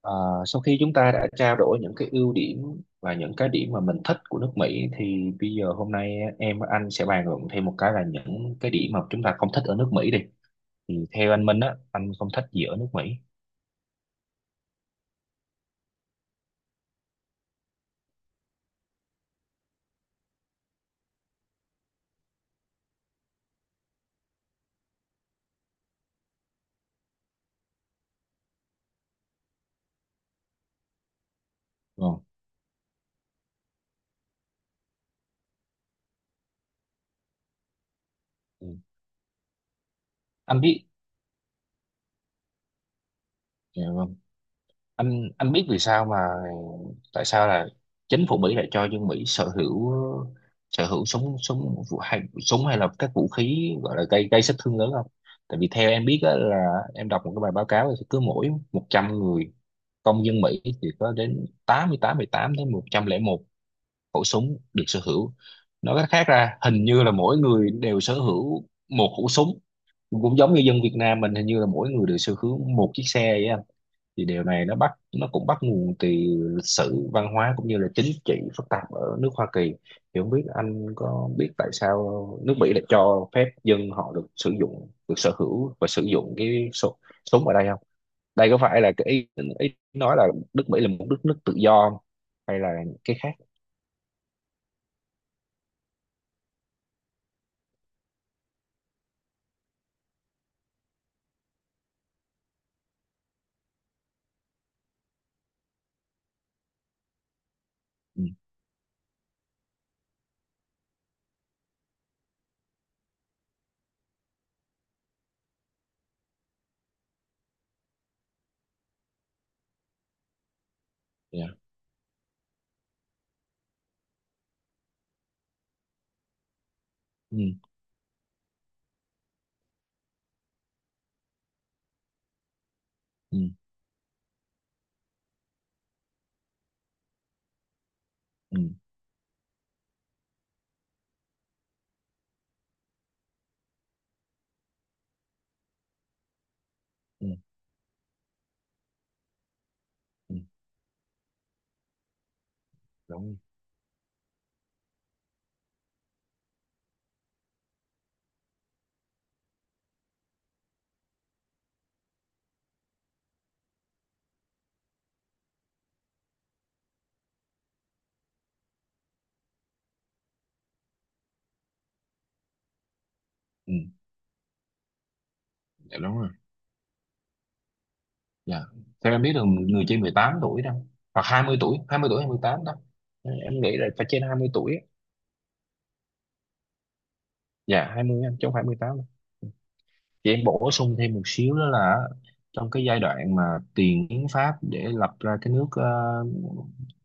Ờ, sau khi chúng ta đã trao đổi những cái ưu điểm và những cái điểm mà mình thích của nước Mỹ thì bây giờ hôm nay em và anh sẽ bàn luận thêm một cái là những cái điểm mà chúng ta không thích ở nước Mỹ đi. Thì theo anh Minh á, anh không thích gì ở nước Mỹ. Vâng. Ừ. Anh biết. Dạ vâng. Anh biết vì sao mà tại sao là chính phủ Mỹ lại cho dân Mỹ sở hữu súng súng vũ- hay súng hay là các vũ khí gọi là gây gây sát thương lớn không? Tại vì theo em biết á, là em đọc một cái bài báo cáo thì cứ mỗi 100 người công dân Mỹ thì có đến 88 tám đến 101 khẩu súng được sở hữu. Nói cách khác ra hình như là mỗi người đều sở hữu một khẩu súng, cũng giống như dân Việt Nam mình hình như là mỗi người đều sở hữu một chiếc xe vậy. Thì điều này nó cũng bắt nguồn từ lịch sử văn hóa cũng như là chính trị phức tạp ở nước Hoa Kỳ. Thì không biết anh có biết tại sao nước Mỹ lại cho phép dân họ được sử dụng được sở hữu và sử dụng cái súng súng ở đây không? Đây có phải là ý nói là nước Mỹ là một đất nước tự do không? Hay là cái khác. ừ, dạ. ừ, ừ, ừ, ừ, ừ, ừ, đúng. ừ, dạ đúng rồi. Dạ. Theo em biết là người trên 18 tuổi đâu, hoặc hai mươi tuổi 28 đó. Em nghĩ là phải trên 20 tuổi á. Dạ 20 em trong 28. Chị em bổ sung thêm một xíu đó là trong cái giai đoạn mà tiền hiến pháp để lập ra cái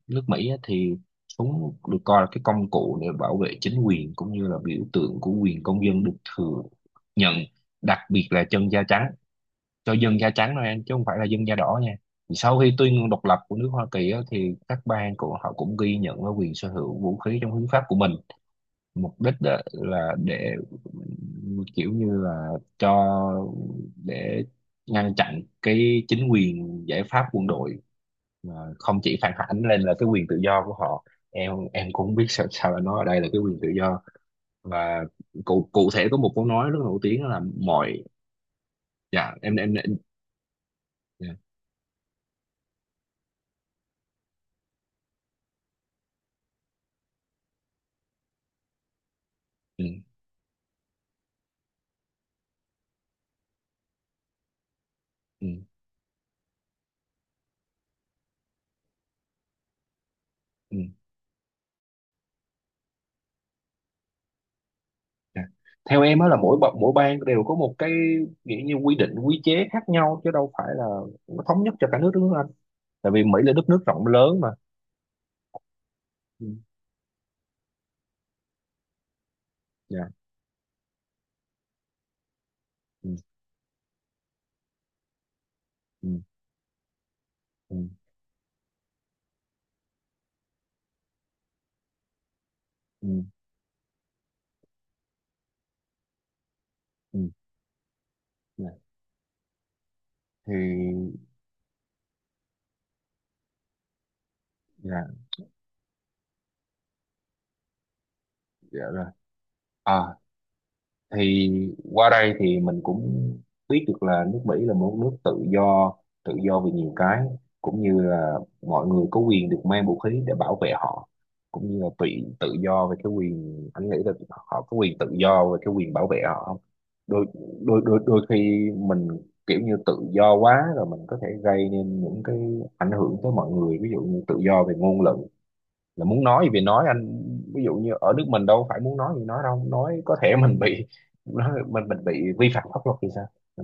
nước Mỹ á, thì súng được coi là cái công cụ để bảo vệ chính quyền cũng như là biểu tượng của quyền công dân được thừa nhận, đặc biệt là chân da trắng, cho dân da trắng thôi em, chứ không phải là dân da đỏ nha. Thì sau khi tuyên ngôn độc lập của nước Hoa Kỳ á, thì các bang của họ cũng ghi nhận cái quyền sở hữu vũ khí trong hiến pháp của mình. Mục đích á, là để kiểu như là cho để ngăn chặn cái chính quyền giải pháp quân đội mà không chỉ phản ánh lên là cái quyền tự do của họ. Em cũng không biết sao, sao là nó ở đây là cái quyền tự do, và cụ cụ thể có một câu nói rất là nổi tiếng là mọi— dạ em. Dạ. ừ, ừ, ừ. Dạ. Theo em á là mỗi bang đều có một cái nghĩa như quy định quy chế khác nhau, chứ đâu phải là nó thống nhất cho cả nước đúng không anh? Tại vì Mỹ là đất nước rộng lớn mà. Ừ. Dạ. Ừ. Ừ. Ừ. Ừ. Ừ. Dạ. Thì dạ dạ rồi. À thì qua đây thì mình cũng biết được là nước Mỹ là một nước tự do, tự do về nhiều cái, cũng như là mọi người có quyền được mang vũ khí để bảo vệ họ, cũng như là tự tự do về cái quyền. Anh nghĩ là họ có quyền tự do về cái quyền bảo vệ họ không? Đôi đôi đôi Đôi khi mình kiểu như tự do quá rồi mình có thể gây nên những cái ảnh hưởng tới mọi người, ví dụ như tự do về ngôn luận là muốn nói thì nói anh. Ví dụ như ở nước mình đâu phải muốn nói thì nói đâu, nói có thể mình bị mình bị vi phạm pháp luật thì sao. ừ,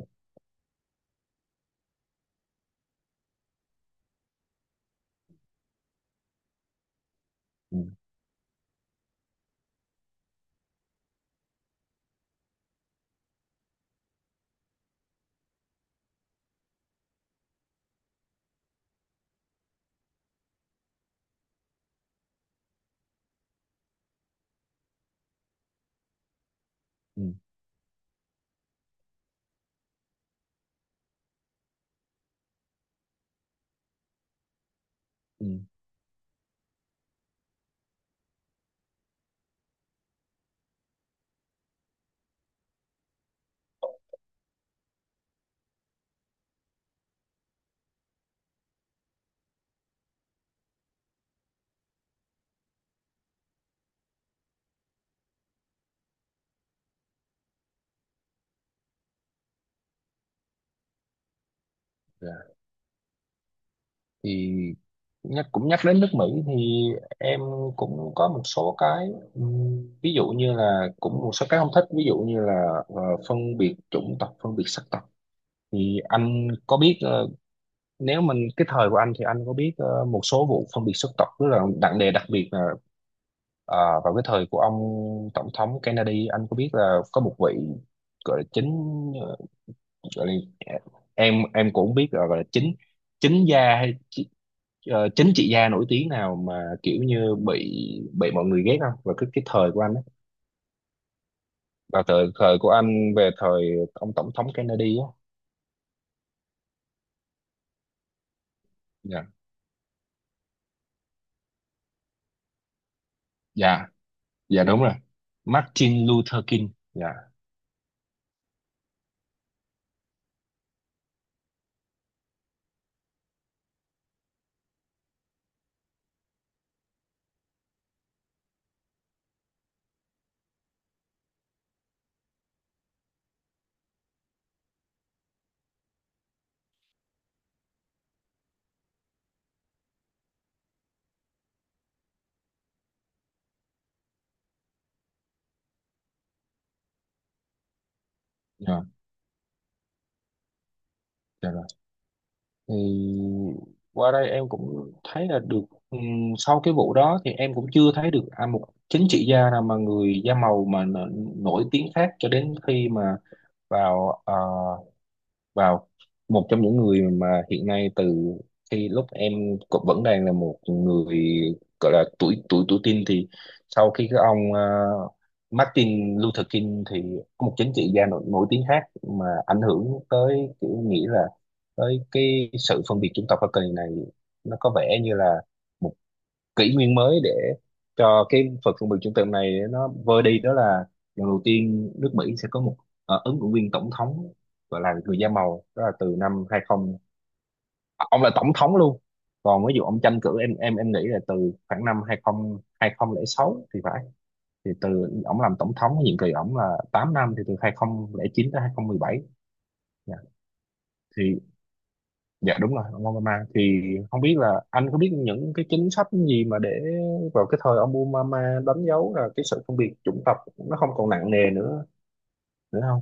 ừ, ừ. ừ. Dạ. Thì nhắc cũng nhắc đến nước Mỹ thì em cũng có một số cái, ví dụ như là cũng một số cái không thích, ví dụ như là phân biệt chủng tộc phân biệt sắc tộc. Thì anh có biết nếu mình cái thời của anh, thì anh có biết một số vụ phân biệt sắc tộc tức là nặng nề, đặc biệt là Ờ, vào cái thời của ông tổng thống Kennedy. Anh có biết là có một vị gọi là gọi là, em cũng không biết là gọi là chính chính gia hay chị- ờ, chính trị gia nổi tiếng nào mà kiểu như bị mọi người ghét không, và cái thời của anh á, và thời thời của anh về thời ông tổng thống Kennedy á. Dạ dạ Dạ đúng rồi. Martin Luther King. Dạ dạ Dạ rồi. Thì qua đây em cũng thấy là được, ừm, sau cái vụ đó thì em cũng chưa thấy được à, một chính trị gia nào mà người da màu nổi tiếng khác, cho đến khi mà vào ờ, vào một trong những người mà hiện nay, từ khi lúc em cũng vẫn đang là một người gọi là tuổi tuổi tuổi teen, thì sau khi cái Martin Luther King, thì có một chính trị gia nổi tiếng khác mà ảnh hưởng tới kiểu nghĩ là tới cái sự phân biệt chủng tộc ở kỳ này, nó có vẻ như là kỷ nguyên mới để cho cái phần phân biệt trung tâm này nó vơi đi. Đó là lần đầu tiên nước Mỹ sẽ có một ứng cử viên tổng thống gọi là người da màu, đó là từ năm 20, ông là tổng thống luôn, còn ví dụ ông tranh cử em nghĩ là từ khoảng năm 20 2006 thì phải. Thì từ ông làm tổng thống nhiệm kỳ ông là 8 năm thì từ 2009 tới 2017. Dạ. Thì dạ đúng rồi, ông Obama thì không biết là anh có biết những cái chính sách gì mà để vào cái thời ông Obama đánh dấu là cái sự phân biệt chủng tộc nó không còn nặng nề nữa nữa không?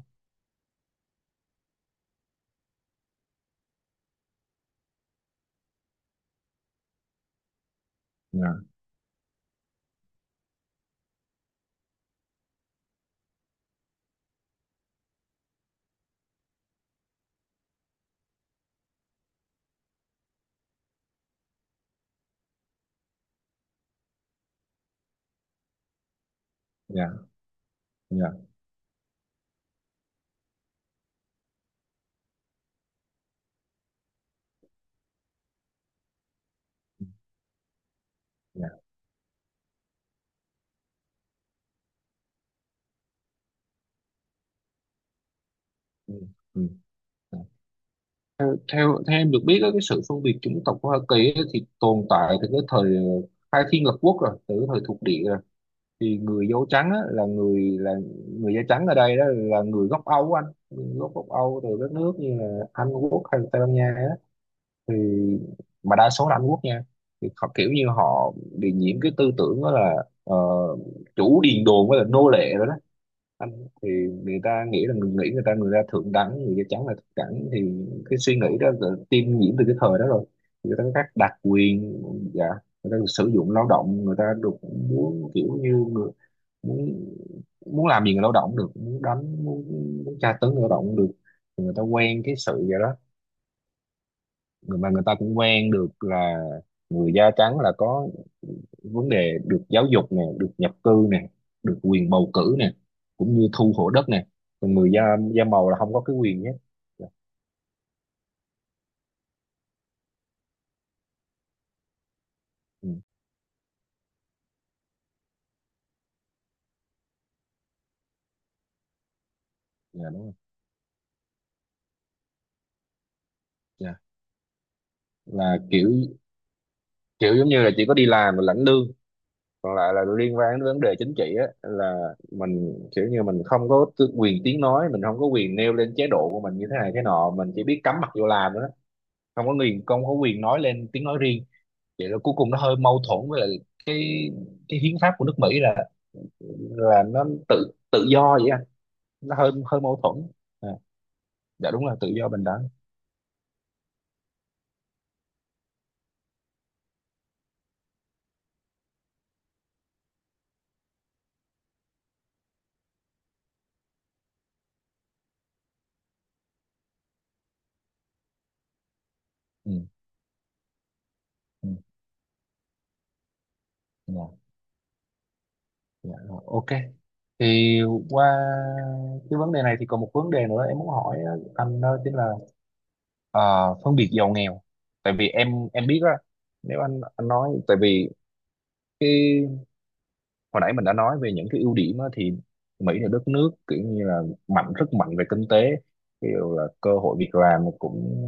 Dạ, dạ, dạ, dạ. ừ, ừ, dạ. Theo theo em được biết á, cái sự phân biệt chủng tộc của Hoa Kỳ á thì tồn tại từ cái thời khai thiên lập quốc rồi, từ cái thời thuộc địa rồi. Thì người da trắng á, là người da trắng ở đây đó là người gốc Âu á anh, gốc gốc Âu từ các nước như là Anh Quốc hay là Tây Ban Nha á, thì mà đa số là Anh Quốc nha. Thì họ kiểu như họ bị nhiễm cái tư tưởng đó là ờ, chủ điền đồn với là nô lệ rồi đó anh, thì người ta nghĩ là người ta thượng đẳng, người da trắng là thượng đẳng, thì cái suy nghĩ đó là tiêm nhiễm từ cái thời đó rồi. Thì người ta có các đặc quyền. Dạ. Người ta được sử dụng lao động, người ta được muốn kiểu như người- muốn muốn làm gì người lao động được, muốn tra tấn người lao động được, thì người ta quen cái sự vậy đó. Người ta cũng quen được là người da trắng là có vấn đề được giáo dục nè, được nhập cư nè, được quyền bầu cử nè, cũng như thu hộ đất nè, còn người da da màu là không có cái quyền nhé. Dạ. ừ, dạ, đúng rồi. Dạ là kiểu, kiểu giống như là chỉ có đi làm và lãnh lương, còn lại là liên quan đến vấn đề chính trị á, là mình kiểu như mình không có quyền tiếng nói, mình không có quyền nêu lên chế độ của mình như thế này thế nọ, mình chỉ biết cắm mặt vô làm thôi đó, không có quyền không có quyền nói lên tiếng nói riêng. Vậy là cuối cùng nó hơi mâu thuẫn với lại cái cái hiến pháp của nước Mỹ là nó tự tự do vậy anh, nó hơi hơi mâu thuẫn. À, dạ đúng là tự do bình đẳng. ừ, ừ, dạ, dạ, rồi, ok. Thì qua cái vấn đề này thì còn một vấn đề nữa em muốn hỏi anh, đó chính là ờ, phân biệt giàu nghèo. Tại vì em biết á, nếu anh nói tại vì hồi nãy mình đã nói về những cái ưu điểm á, thì Mỹ là đất nước kiểu như là mạnh, rất mạnh về kinh tế, ví dụ là cơ hội việc làm cũng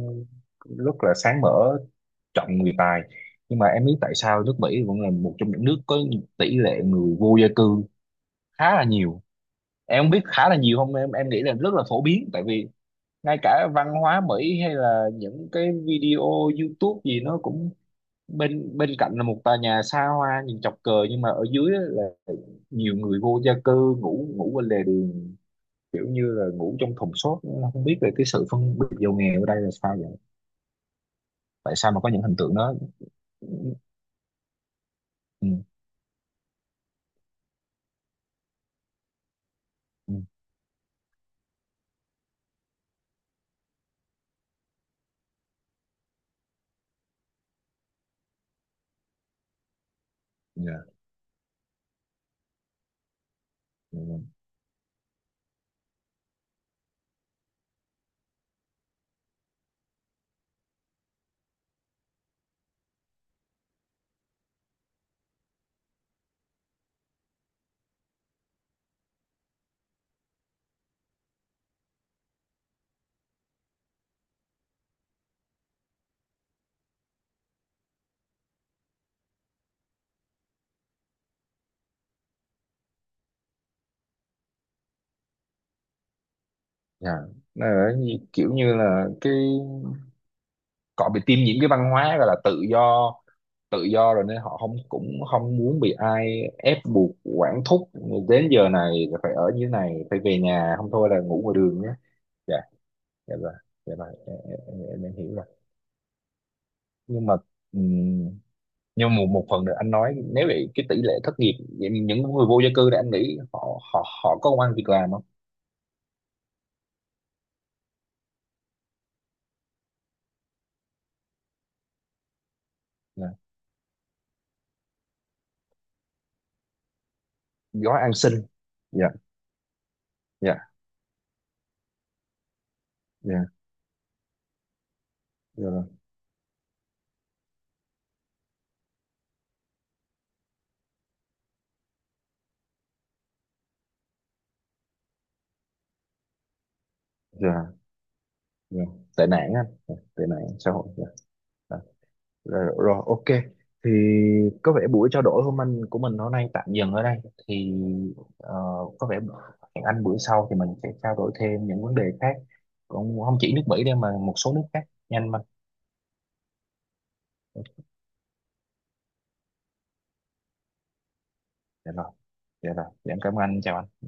rất là sáng mở, trọng người tài, nhưng mà em biết tại sao nước Mỹ vẫn là một trong những nước có tỷ lệ người vô gia cư khá là nhiều. Em không biết khá là nhiều không em em nghĩ là rất là phổ biến, tại vì ngay cả văn hóa Mỹ hay là những cái video YouTube gì nó cũng, bên bên cạnh là một tòa nhà xa hoa nhìn chọc cờ, nhưng mà ở dưới á là nhiều người vô gia cư ngủ ngủ bên lề đường, kiểu như là ngủ trong thùng xốp. Nó không biết về cái sự phân biệt giàu nghèo ở đây là sao vậy, tại sao mà có những hình tượng đó. ừ, ừ, ừ, dạ, dạ, dạ. Nó ở kiểu như là cái họ bị tiêm nhiễm cái văn hóa gọi là tự do, tự do rồi nên họ không cũng không muốn bị ai ép buộc quản thúc đến giờ này là phải ở như thế này, phải về nhà không thôi là ngủ ngoài đường nhé. Dạ. dạ rồi dạ rồi em, em hiểu rồi, nhưng mà ừm, nhưng mà một phần nữa anh nói nếu vậy cái tỷ lệ thất nghiệp, vậy những người vô gia cư thì anh nghĩ họ họ họ có công ăn việc làm không? Dạ gói an sinh. Dạ dạ dạ Dạ rồi, dạ dạ tệ nạn á, dạ, tệ nạn xã hội dạ dạ. Rồi, rồi ok, thì có vẻ buổi trao đổi hôm anh của mình hôm nay tạm dừng ở đây. Thì ờ, có vẻ hẹn anh bữa sau thì mình sẽ trao đổi thêm những vấn đề khác, cũng không chỉ nước Mỹ đâu mà một số nước khác nhanh mà. dạ rồi dạ rồi dạ em cảm ơn anh chào anh.